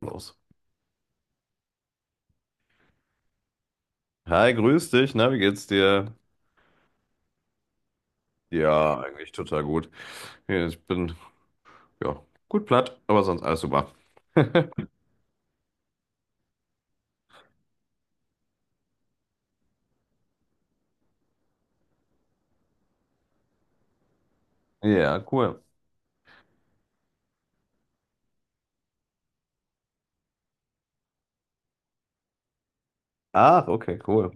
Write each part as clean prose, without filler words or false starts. Los. Hi, grüß dich. Na, wie geht's dir? Ja, eigentlich total gut. Ja, Ich bin, ja, gut platt, aber sonst alles super. Ja, cool. Ach, okay, cool.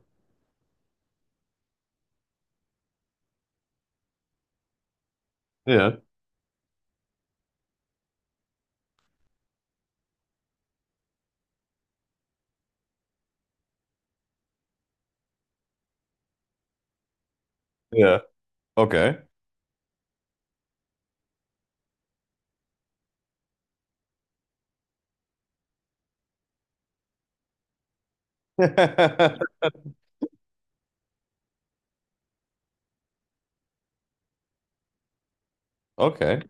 Ja, ja, okay. Okay.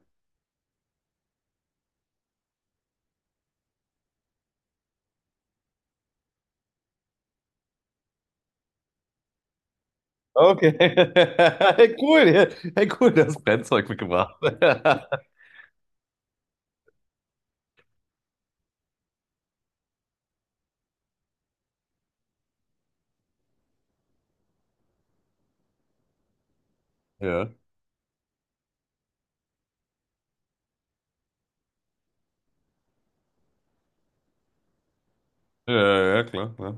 Okay. Hey, cool, ja. Hey, cool, das Brennzeug mitgebracht. Ja, ja, ja, klar.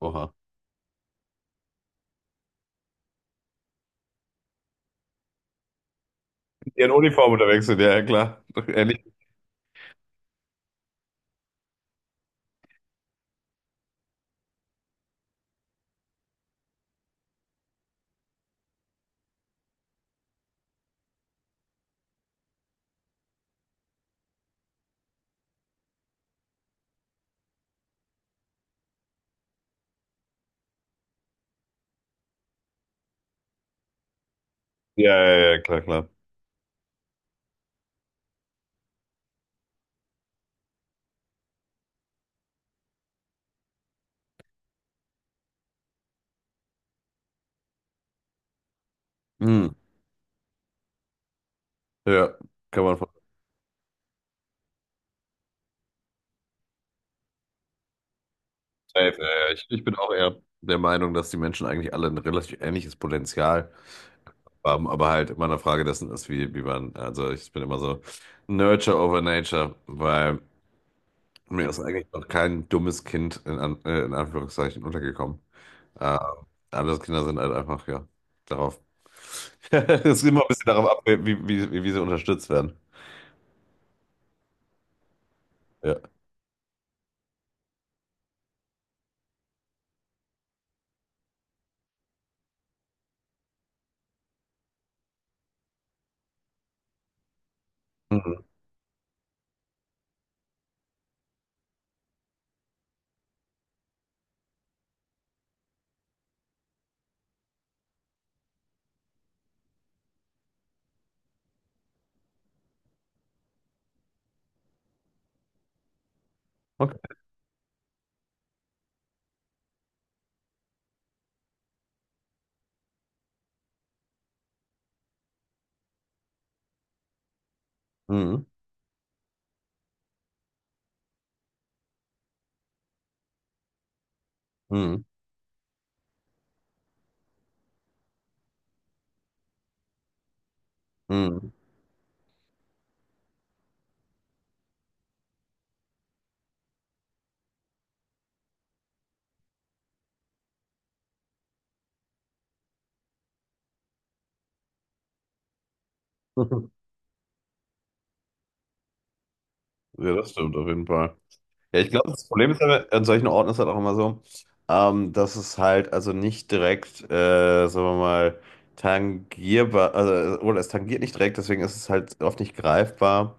Oha. Ja, in Uniform unterwegs sind, ja, ja, klar. Ähnlich. Ja, ja, ja, klar. Hm. Ja, kann man. Safe. Ich bin auch eher der Meinung, dass die Menschen eigentlich alle ein relativ ähnliches Potenzial haben, aber halt immer eine Frage dessen ist, wie man, also ich bin immer so Nurture over Nature, weil mir ist eigentlich noch kein dummes Kind in Anführungszeichen untergekommen. Äh, Andere Kinder sind halt einfach, ja, darauf. Es ist immer ein bisschen darauf ab, wie sie unterstützt werden. Ja. Mhm. Okay. Mhm. Mhm. Mhm. Ja, das stimmt auf jeden Fall. Ja, ich glaube, das Problem ist aber, an solchen Orten ist halt auch immer so, dass es halt also nicht direkt, sagen wir mal, tangierbar, also, oder es tangiert nicht direkt, deswegen ist es halt oft nicht greifbar.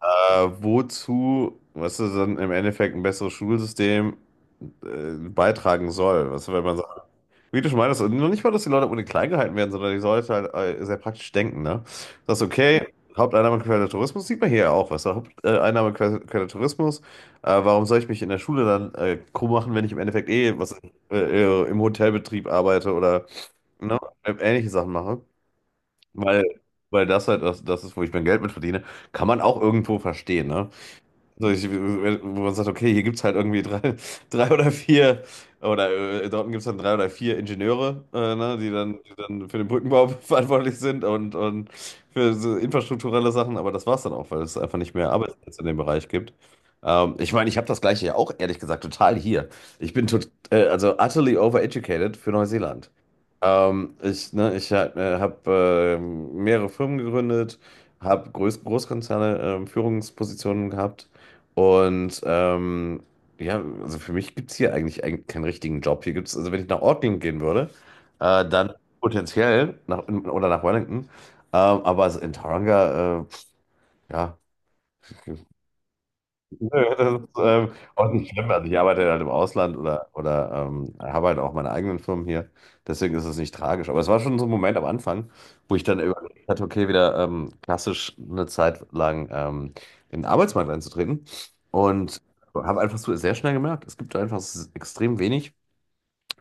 Wozu, was weißt du, dann im Endeffekt ein besseres Schulsystem beitragen soll. Was, wenn man sagt, wie du schon meintest, und nicht mal, dass die Leute ohne klein gehalten werden, sondern die Leute halt sehr praktisch denken, ne? Das ist okay, Haupteinnahmequelle Tourismus sieht man hier ja auch, was du? Haupteinnahmequelle Tourismus, warum soll ich mich in der Schule dann krumm machen, wenn ich im Endeffekt eh was äh, im Hotelbetrieb arbeite oder ne, ähnliche Sachen mache? Weil, weil das halt das, das ist, wo ich mein Geld mit verdiene, kann man auch irgendwo verstehen, ne? So, ich, wo man sagt, okay, hier gibt es halt irgendwie drei, drei oder vier, oder in Dortmund gibt es dann drei oder vier Ingenieure, ne, die dann für den Brückenbau verantwortlich sind und für so infrastrukturelle Sachen, aber das war es dann auch, weil es einfach nicht mehr Arbeitsplätze in dem Bereich gibt. Ich meine, ich habe das Gleiche ja auch, ehrlich gesagt, total hier. Ich bin tot, also utterly overeducated für Neuseeland. Ich habe mehrere Firmen gegründet, habe Großkonzerne Führungspositionen gehabt und ja, also für mich gibt es hier eigentlich keinen richtigen Job. Hier gibt's, also wenn ich nach Auckland gehen würde, dann potenziell nach, oder nach Wellington, aber also in Tauranga, ja. Nö, das ist auch nicht schlimm. Also ich arbeite halt im Ausland oder habe halt auch meine eigenen Firmen hier. Deswegen ist es nicht tragisch. Aber es war schon so ein Moment am Anfang, wo ich dann überlegt hatte, okay, wieder klassisch eine Zeit lang in den Arbeitsmarkt einzutreten. Und habe einfach so sehr schnell gemerkt, es gibt einfach extrem wenig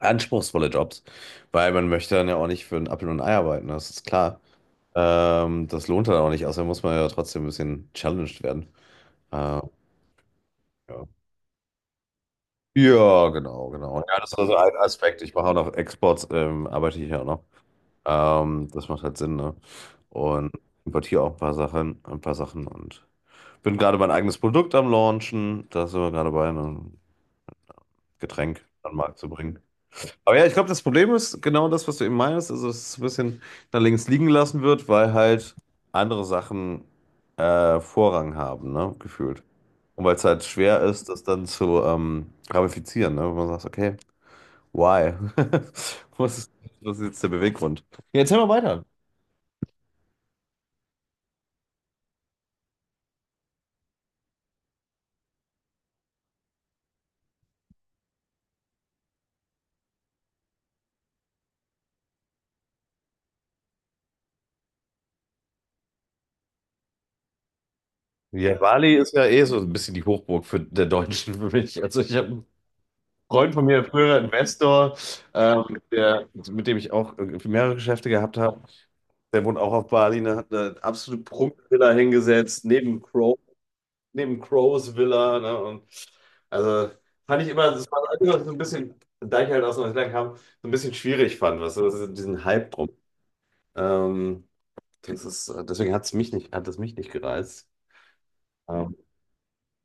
anspruchsvolle Jobs, weil man möchte dann ja auch nicht für einen Apfel und ein Ei arbeiten, das ist klar. Das lohnt dann auch nicht, außerdem muss man ja trotzdem ein bisschen challenged werden. Äh, ja. Ja, genau. Ja, das ist Ja. also ein Aspekt. Ich mache auch noch Exports, arbeite ich ja auch noch. Das macht halt Sinn, ne? Und importiere auch ein paar Sachen und bin gerade mein eigenes Produkt am Launchen. Da sind wir gerade bei einem Getränk an den Markt zu bringen. Aber ja, ich glaube, das Problem ist genau das, was du eben meinst, also dass es ein bisschen da links liegen gelassen wird, weil halt andere Sachen Vorrang haben, ne? Gefühlt. Und weil es halt schwer ist, das dann zu ramifizieren, ne? Wenn man sagt, okay. Why? Was ist, was ist jetzt der Beweggrund? Ja, erzähl mal weiter. Ja, Bali ist ja eh so ein bisschen die Hochburg für der Deutschen für mich. Also ich habe einen Freund von mir, früherer Investor, der, mit dem ich auch mehrere Geschäfte gehabt habe. Der wohnt auch auf Bali, ne, hat eine absolute Prunkvilla hingesetzt, neben Crows Villa. Ne, und also fand ich immer, das war immer so ein bisschen, da ich halt aus Neuseeland kam, so ein bisschen schwierig fand, was weißt diesen Hype drum. Ähm, Das ist, deswegen hat es mich nicht gereizt, ähm,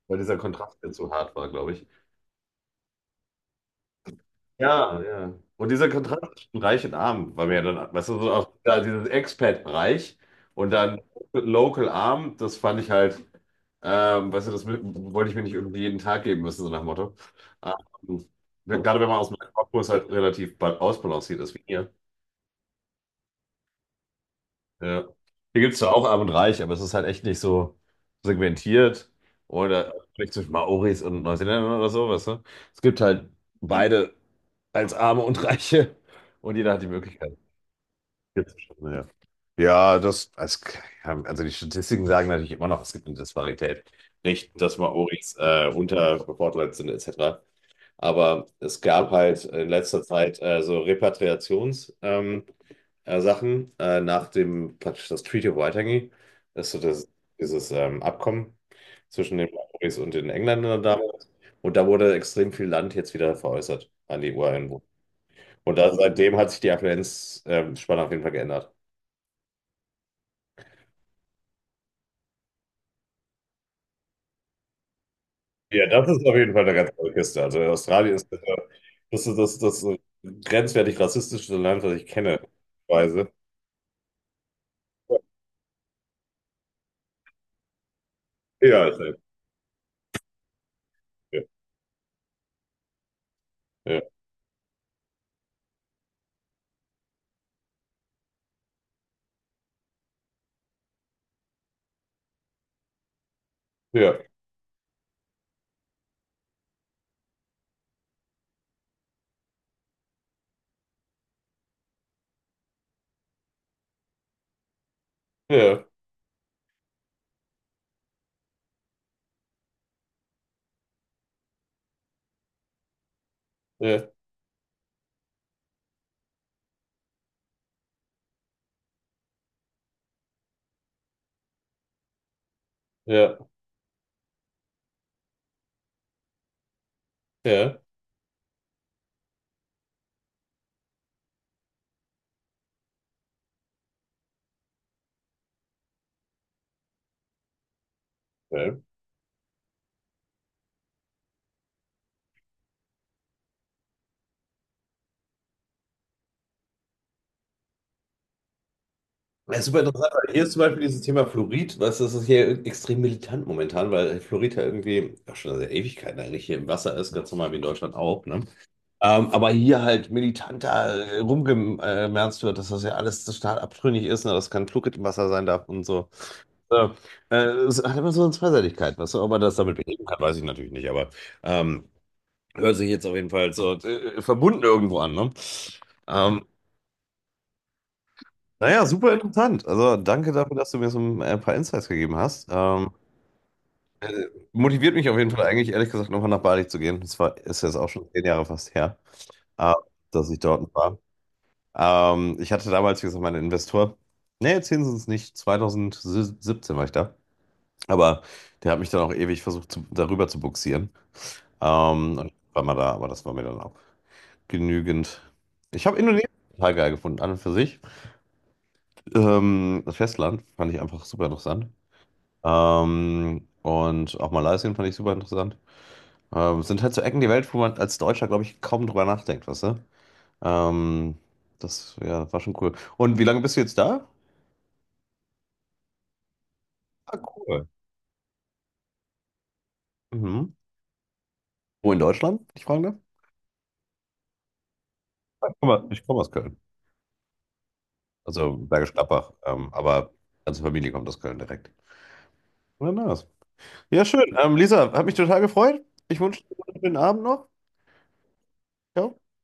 weil dieser Kontrast mir zu hart war, glaube ich. Ja, ja. Und dieser Kontrast zwischen Reich und Arm war mir dann, weißt du, so auch da dieses Expat-Reich und dann Local Arm, das fand ich halt, weißt du, das wollte ich mir nicht irgendwie jeden Tag geben müssen, so nach dem Motto. Ähm, gerade wenn man aus dem Kopf, halt relativ ausbalanciert ist, wie hier. Ja. Hier gibt es zwar auch arm und reich, aber es ist halt echt nicht so segmentiert oder vielleicht zwischen Maoris und Neuseeländern oder so, weißt du? Es gibt halt beide als Arme und Reiche und jeder hat die Möglichkeit hier zu. Ja, ja das, als, also die Statistiken sagen natürlich immer noch, es gibt eine Disparität. Nicht, dass Maoris unterbevorteilt sind, etc. Aber es gab halt in letzter Zeit so Repatriations, Sachen nach dem praktisch das Treaty of Waitangi, das ist so das, dieses Abkommen zwischen den Maoris und den Engländern damals. Und da wurde extrem viel Land jetzt wieder veräußert an die Ureinwohner. Und da, seitdem hat sich die Affluenzspanne auf jeden Fall geändert. Ja, das ist auf jeden Fall eine ganz andere Kiste. Also Australien ist das so grenzwertig rassistischste Land, was ich kenne. Weise. Ja, ist halt- ja. Ja. Ja, ja, ja, ja, ja. Ja. Das ist super interessant, weil hier ist zum Beispiel dieses Thema Fluorid, was das ist hier extrem militant momentan, weil Fluorid ja irgendwie auch schon seit Ewigkeiten eigentlich hier im Wasser ist, ganz normal wie in Deutschland auch, ne? Aber hier halt militanter rumgemerzt wird, dass das ja alles total abtrünnig ist, ne? Dass kein Fluorid im Wasser sein darf und so. Äh, äh, Es hat immer so eine Zweiseitigkeit, weißt du, ob man das damit beheben kann, weiß ich natürlich nicht, aber ähm, hört sich jetzt auf jeden Fall so verbunden irgendwo an, ne? Ähm, naja, super interessant. Also danke dafür, dass du mir so ein paar Insights gegeben hast. Motiviert mich auf jeden Fall eigentlich, ehrlich gesagt, nochmal nach Bali zu gehen. Das war, ist jetzt auch schon 10 Jahre fast her, äh, dass ich dort war. Ich hatte damals, wie gesagt, meinen Investor. Nee, zehn sind es nicht. 2017 war ich da. Aber der hat mich dann auch ewig versucht, zu, darüber zu bugsieren. Und war mal da, aber das war mir dann auch genügend. Ich habe Indonesien total geil gefunden, an und für sich. Das Festland fand ich einfach super interessant. Und auch Malaysia fand ich super interessant. Es sind halt so Ecken der Welt, wo man als Deutscher, glaube ich, kaum drüber nachdenkt, weißt du? Ähm, das ja, war schon cool. Und wie lange bist du jetzt da? Ah, cool. Mhm. Wo in Deutschland, wenn ich fragen darf? Ah, ich komme aus Köln. Also Bergisch Gladbach. Aber ganze Familie kommt aus Köln direkt. Na, nice. Ja, schön. Lisa, hat mich total gefreut. Ich wünsche dir einen schönen Abend noch. Ciao.